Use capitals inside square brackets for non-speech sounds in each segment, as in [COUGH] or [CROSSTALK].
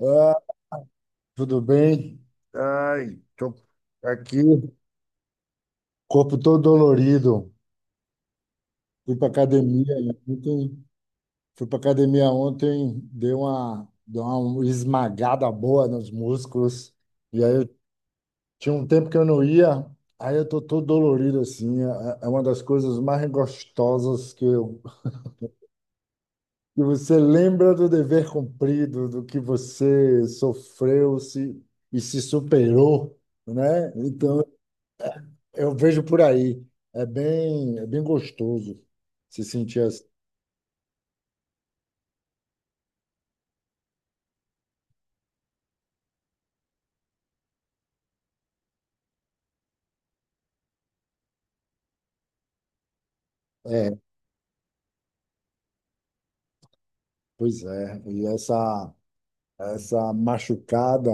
Ah, tudo bem? Ai, tô aqui, corpo todo dolorido. Fui para academia ontem, fui para academia ontem, dei uma esmagada boa nos músculos. E aí eu tinha um tempo que eu não ia, aí eu tô todo dolorido assim. É uma das coisas mais gostosas que você lembra do dever cumprido, do que você sofreu se, e se superou, né? Então. Eu vejo por aí. É bem gostoso se sentir. É, pois é. E essa machucada,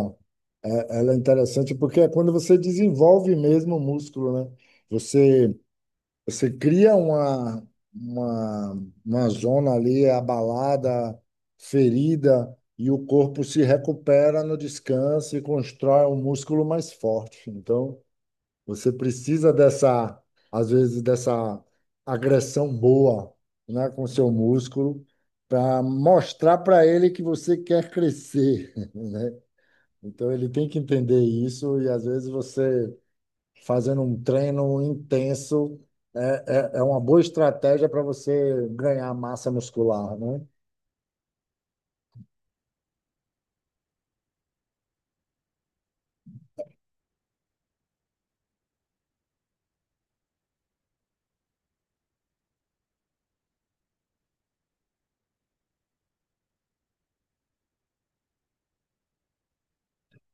ela é interessante porque é quando você desenvolve mesmo o músculo, né? Você, você cria uma zona ali abalada, ferida, e o corpo se recupera no descanso e constrói um músculo mais forte. Então. Você precisa dessa, às vezes, dessa agressão boa, né, com seu músculo, para mostrar para ele que você quer crescer, [LAUGHS] né? Então ele tem que entender isso e às vezes você fazendo um treino intenso é uma boa estratégia para você ganhar massa muscular, né?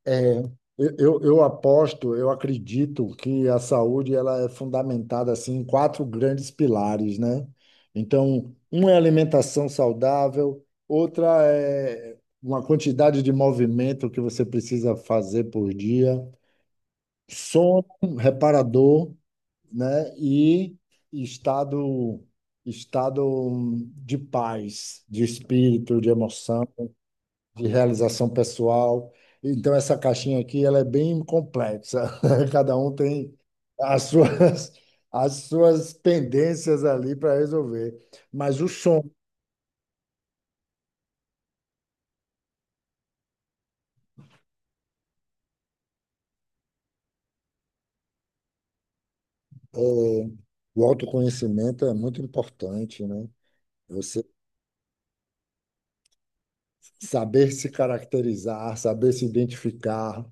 É, eu aposto, eu acredito que a saúde ela é fundamentada assim em quatro grandes pilares, né? Então, um é alimentação saudável, outra é uma quantidade de movimento que você precisa fazer por dia, sono reparador, né? E estado estado de paz, de espírito, de emoção de realização pessoal. Então, essa caixinha aqui, ela é bem complexa. [LAUGHS] Cada um tem as suas, as suas pendências ali para resolver. Mas o som, é, o autoconhecimento é muito importante, né? Você saber se caracterizar, saber se identificar,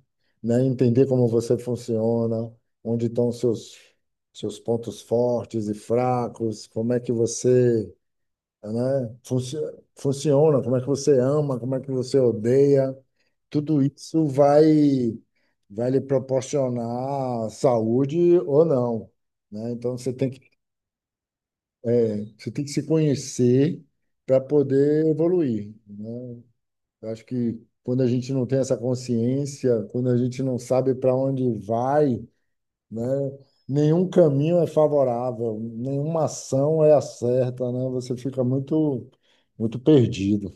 né? Entender como você funciona, onde estão os seus pontos fortes e fracos, como é que você, né? Funciona, como é que você ama, como é que você odeia, tudo isso vai lhe proporcionar saúde ou não, né? Então você tem que se conhecer para poder evoluir, né? Eu acho que quando a gente não tem essa consciência, quando a gente não sabe para onde vai, né? Nenhum caminho é favorável, nenhuma ação é a certa, né? Você fica muito, muito perdido.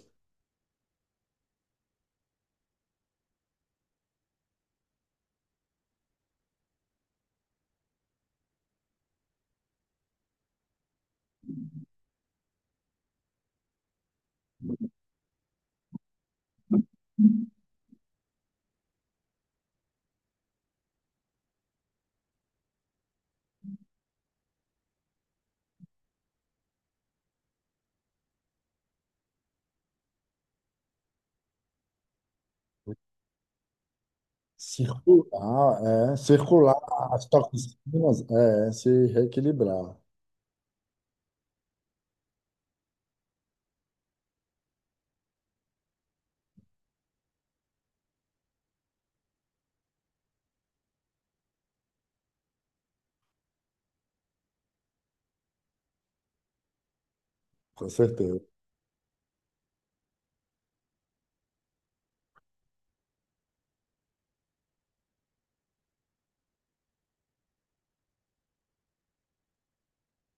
Circular, circular as toxinas, é se reequilibrar, com certeza.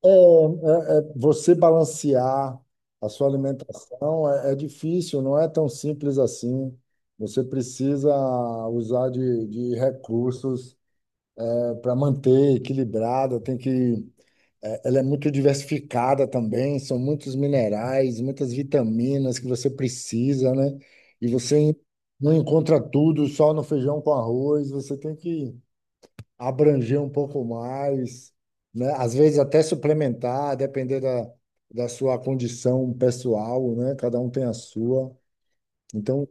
É, você balancear a sua alimentação é difícil, não é tão simples assim. Você precisa usar de recursos, para manter equilibrada. Ela é muito diversificada também, são muitos minerais, muitas vitaminas que você precisa, né? E você não encontra tudo só no feijão com arroz, você tem que abranger um pouco mais, né? Às vezes até suplementar, depender da sua condição pessoal, né? Cada um tem a sua. Então,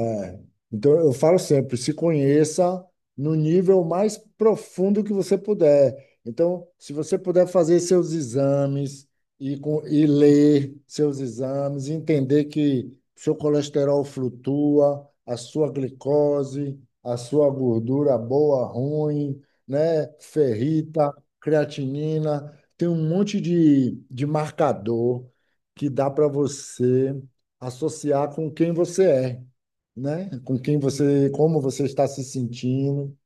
é. Então, eu falo sempre, se conheça no nível mais profundo que você puder. Então, se você puder fazer seus exames e ler seus exames, entender que seu colesterol flutua, a sua glicose, a sua gordura boa, ruim, né? Ferrita, creatinina, tem um monte de marcador que dá para você associar com quem você é, né? Com quem você, como você está se sentindo,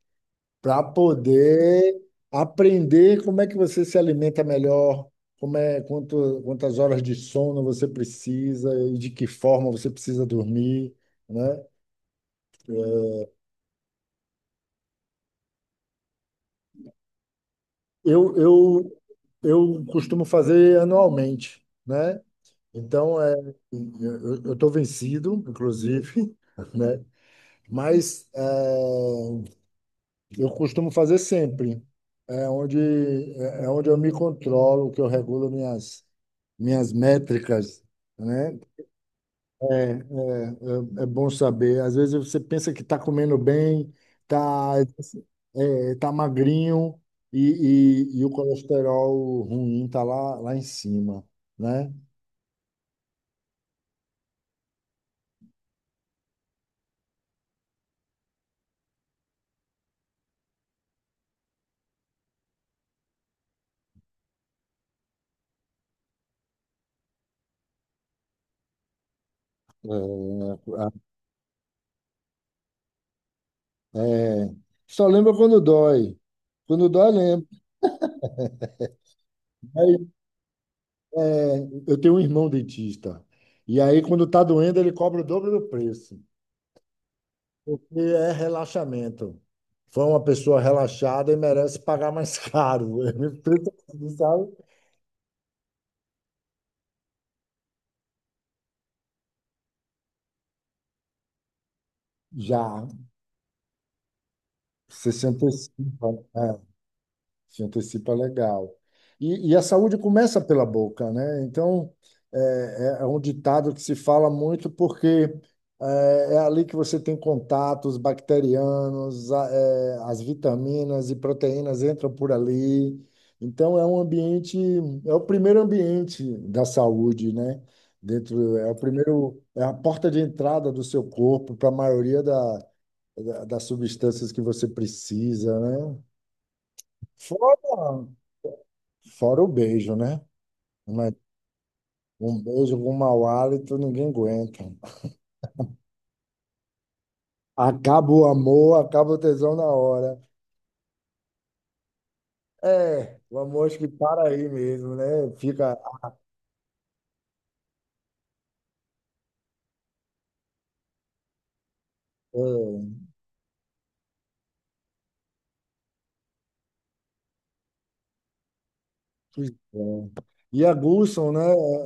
para poder aprender como é que você se alimenta melhor, como é, quanto, quantas horas de sono você precisa e de que forma você precisa dormir, né? É, Eu, eu, eu costumo fazer anualmente, né? Então, eu estou vencido, inclusive, [LAUGHS] né? Mas eu costumo fazer sempre. É onde, é é onde eu me controlo, que eu regulo minhas métricas, né? É, é, é, bom saber. Às vezes você pensa que está comendo bem, está tá magrinho e o colesterol ruim está lá, lá em cima, né? É. Só lembra quando dói. Quando dói, lembra. É, eu tenho um irmão dentista. E aí, quando tá doendo, ele cobra o dobro do preço, porque é relaxamento. Foi uma pessoa relaxada e merece pagar mais caro. [LAUGHS] Sabe? Já, 65. É. Se antecipa legal. E a saúde começa pela boca, né? Então, é, é um ditado que se fala muito porque é ali que você tem contatos bacterianos, as vitaminas e proteínas entram por ali. Então, é um ambiente, é o primeiro ambiente da saúde, né? Dentro, é o primeiro, é a porta de entrada do seu corpo para a maioria das substâncias que você precisa, né? Fora Fora o beijo, né? Mas um beijo com mau hálito, ninguém aguenta. Acaba o amor, acaba o tesão na hora. É, o amor acho que para aí mesmo, né? Fica. É, pois é. E aguçam, né?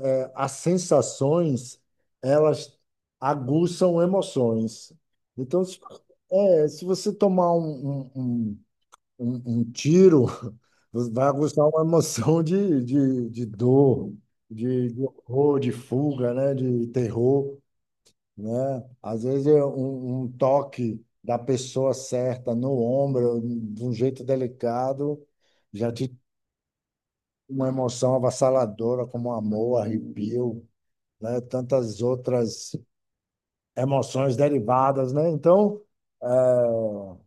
As sensações, elas aguçam emoções. Então, se você tomar um tiro [LAUGHS] vai aguçar uma emoção de dor, de horror, de fuga, né? De terror, né? Às vezes é um toque da pessoa certa no ombro, de um jeito delicado, já te uma emoção avassaladora como amor, arrepio, né? Tantas outras emoções derivadas, né? Então, eh,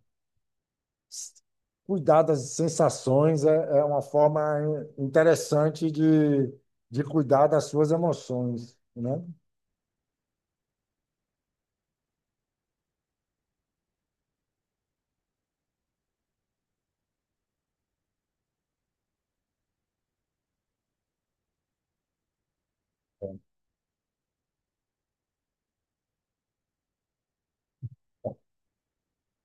Cuidar das sensações é uma forma interessante de cuidar das suas emoções, né?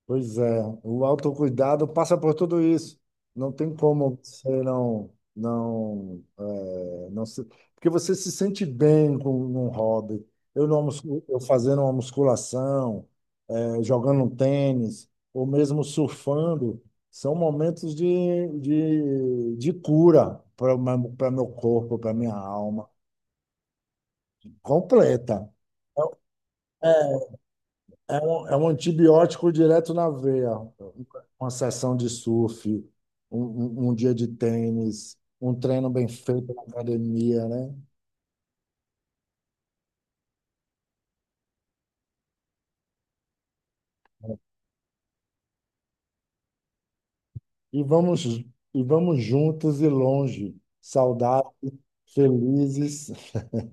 Pois é, o autocuidado passa por tudo isso. Não tem como você não, não, não se. Porque você se sente bem com um hobby. Eu, não, eu fazendo uma musculação, jogando um tênis, ou mesmo surfando, são momentos de cura para meu corpo, para minha alma, completa. É é, é um antibiótico direto na veia. Uma sessão de surf, um dia de tênis, um treino bem feito na academia, né? E vamos, e vamos juntos e longe, saudáveis, felizes. [LAUGHS]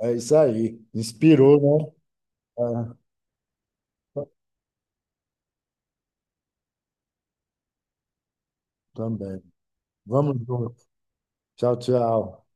É isso aí. Inspirou, né? É. Também. Vamos junto. Tchau, tchau.